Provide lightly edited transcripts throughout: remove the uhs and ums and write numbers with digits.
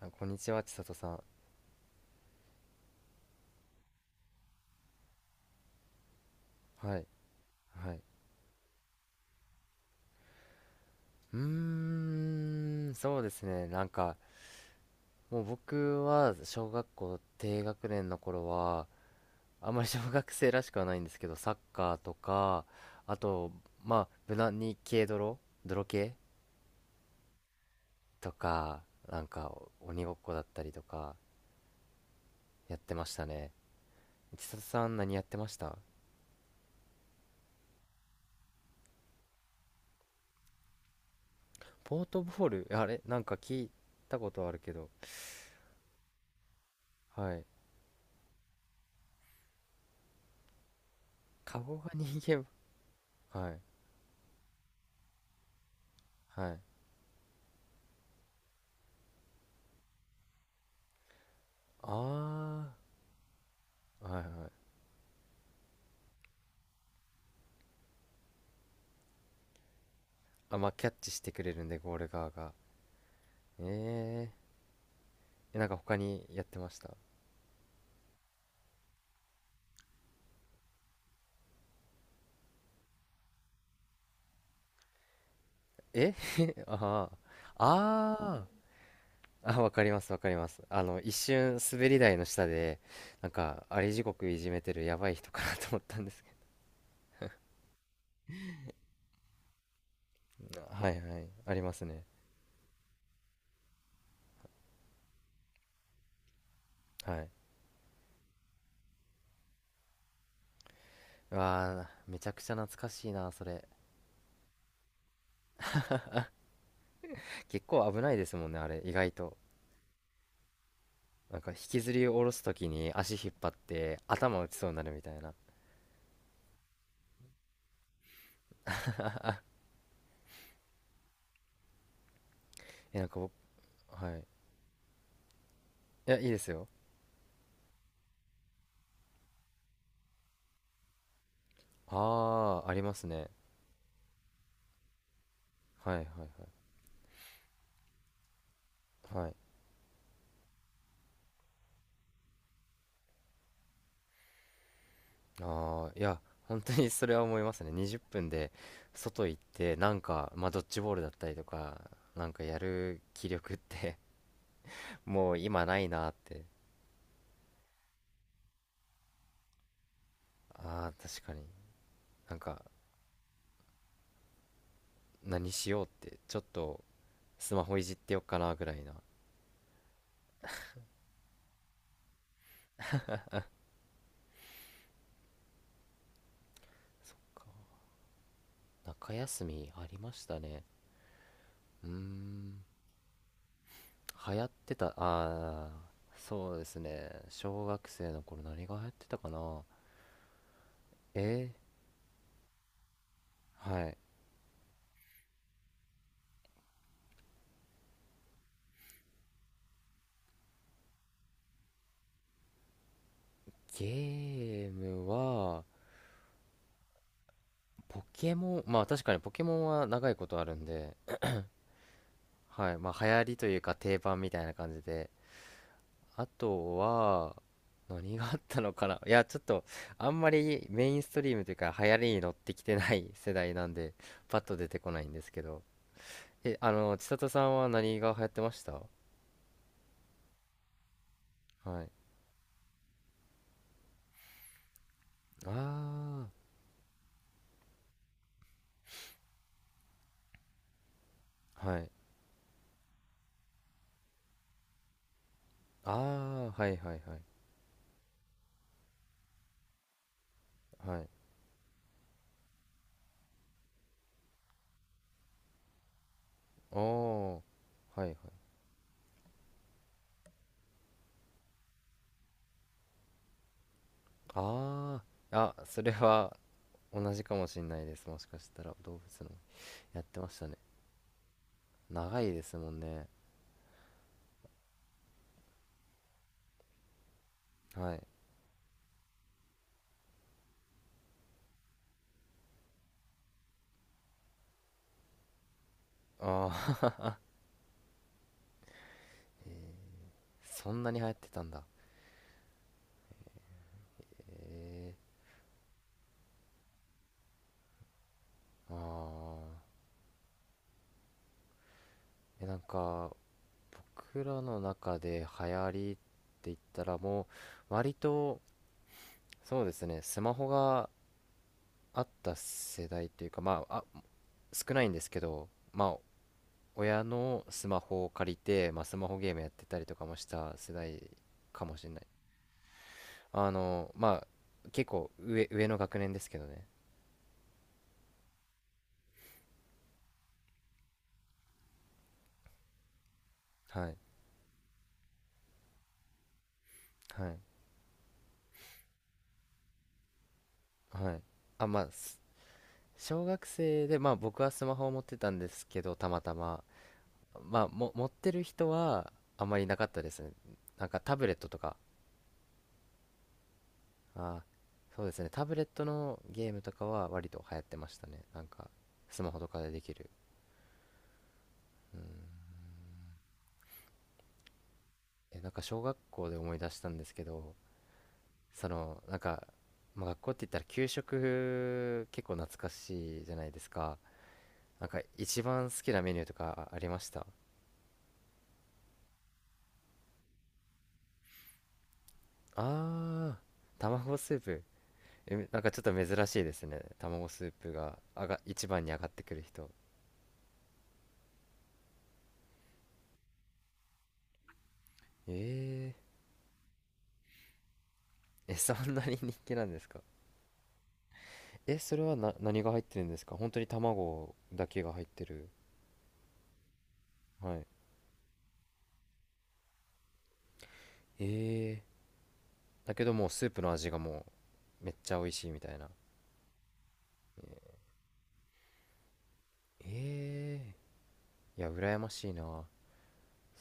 あ、こんにちは、千里さん。はい。はい。うーそうですね。もう僕は小学校低学年の頃は、あんまり 小学生らしくはないんですけど、サッカーとか、あと、まあ、無難に軽泥、泥系とか、鬼ごっこだったりとか、やってましたね。千里さん、何やってました？ポートボール、あれなんか聞いたことあるけど、はい。カゴが人間、はい。はい。ああ、はいはい。あ、まあ、キャッチしてくれるんで、ゴール側が。えー、え、なんか他にやってました。え ああ、ああ、あ、わかります、わかります。あの、一瞬、滑り台の下で、なんか、あり地獄いじめてるやばい人かなと思ったんですけど。はいはい、ありますね。はい。うわあ、めちゃくちゃ懐かしいな、それ。結構危ないですもんね、あれ、意外と。なんか、引きずり下ろすときに足引っ張って、頭打ちそうになるみたいな。え、なんか僕、はい。いや、いいですよ。ああ、ありますね。はいはいはい。はい。ああ、いや、本当にそれは思いますね。20分で外行って、なんか、まあ、ドッジボールだったりとか、なんかやる気力って もう今ないなって。ああ、確かに。なんか、何しようって、ちょっとスマホいじってよっかなぐらいな。中休みありましたね。うーん、流行ってた、ああ、そうですね。小学生の頃何が流行ってたかな。え、はい。ゲームは、ポケモン、まあ確かにポケモンは長いことあるんで、はい。まあ流行りというか定番みたいな感じで。あとは、何があったのかな。いや、ちょっと、あんまりメインストリームというか流行りに乗ってきてない世代なんで、パッと出てこないんですけど。え、あの、千里さんは何が流行ってました？はい。ああ、はい。ああ、はいはいはい。はい。おー、はいはい。ああ、あ、それは同じかもしんないです。もしかしたら動物のやってましたね。長いですもんね。はい。ああ、そんなに流行ってたんだ。へえ。ああ。え、なんか、僕らの中で流行りって言ったらもう、割と、そうですね、スマホがあった世代というか、まあ、あ、少ないんですけど、まあ、親のスマホを借りて、まあ、スマホゲームやってたりとかもした世代かもしれない。あの、まあ、結構上、上の学年ですけどね。はい。はい。はい。あ、まあ、す、小学生で、まあ僕はスマホを持ってたんですけど、たまたま。まあ、も、持ってる人はあまりいなかったですね。なんかタブレットとか、あー、そうですね。タブレットのゲームとかは割と流行ってましたね。なんか、スマホとかでできる。え、なんか小学校で思い出したんですけど、その、なんか、まあ、学校って言ったら給食結構懐かしいじゃないですか。なんか一番好きなメニューとかありました？あー、卵スープ。え、なんかちょっと珍しいですね。卵スープが、あが、一番に上がってくる人。えー、え、そんなに人気なんですか？え、それはな、何が入ってるんですか？本当に卵だけが入ってる。はい。えー、だけどもうスープの味がもう、めっちゃ美味しいみたいな。えー、いや、羨ましいな。そ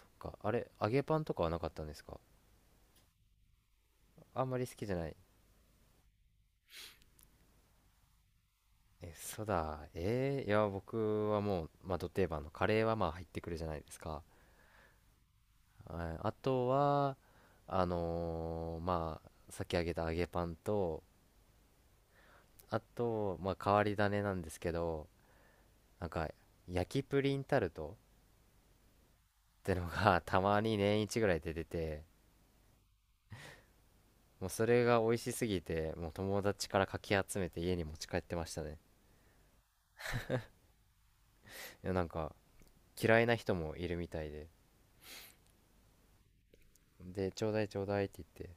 っか、あれ、揚げパンとかはなかったんですか？あんまり好きじゃない？え、そうだ。えー、いや、僕はもう、まあ、ド定番のカレーはまあ入ってくるじゃないですか。ああとは、あのー、まあ、さっき揚げた揚げパンと、あと、まあ、変わり種なんですけど、なんか、焼きプリンタルトってのが たまに年一ぐらいで出て、もうそれが美味しすぎて、もう友達からかき集めて家に持ち帰ってましたね。いや、なんか、嫌いな人もいるみたいで。で、ちょうだいちょうだいって言って、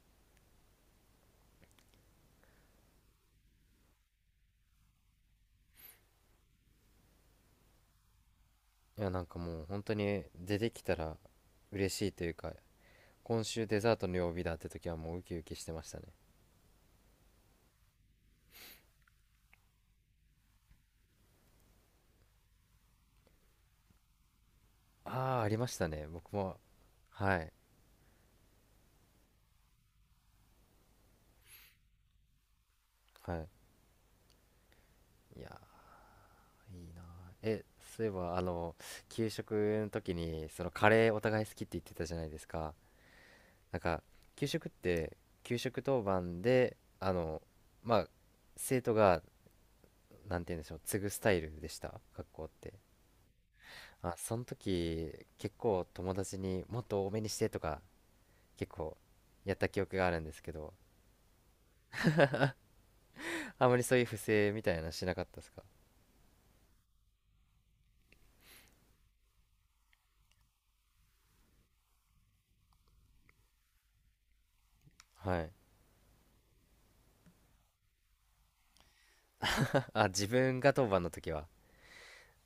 いやなんかもう本当に出てきたら嬉しいというか今週デザートの曜日だって時はもうウキウキしてましたね。ああー、ありましたね、僕も。はいはい。いやー、いいなー。え、そういえばあの給食の時にそのカレーお互い好きって言ってたじゃないですか。なんか給食って給食当番であのまあ生徒がなんて言うんでしょう、継ぐスタイルでした、学校って？あ、その時結構友達にもっと多めにしてとか結構やった記憶があるんですけど、あまりそういう不正みたいなのしなかったですか？はい。 あ、自分が当番の時は、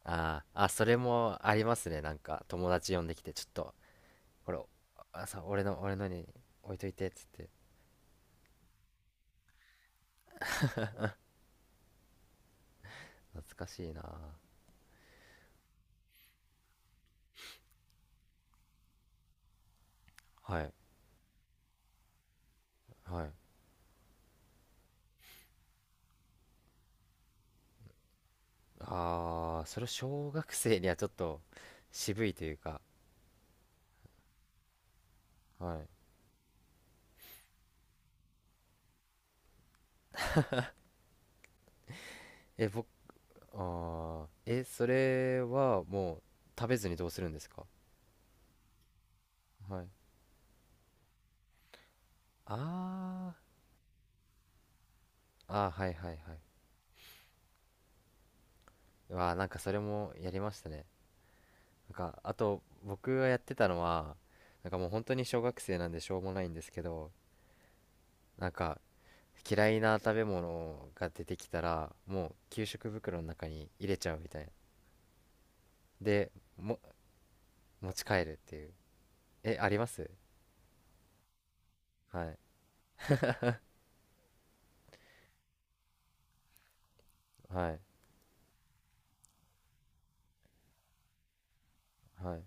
あーあ、それもありますね。なんか友達呼んできてちょっと、これあさ俺の、俺のに置いといてっつって懐かしいな。はいはい。ああ、それ小学生にはちょっと渋いというか。はい。え、僕、ああ、え、それはもう食べずにどうするんですか？はい。ああ、あー、はいはいはい。うわー、なんかそれもやりましたね。なんかあと僕がやってたのはなんかもう本当に小学生なんでしょうもないんですけど、なんか嫌いな食べ物が出てきたらもう給食袋の中に入れちゃうみたいな。でも持ち帰るっていう、え、あります？はいはいはい。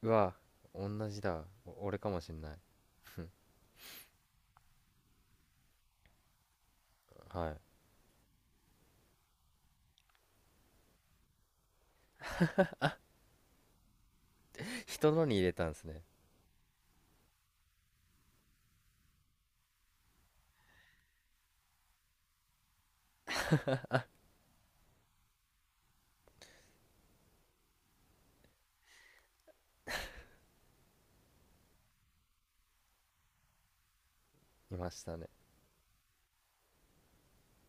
うわ、同じだ、お俺かもしんない。はい。人のに入れたんですね。いましたね。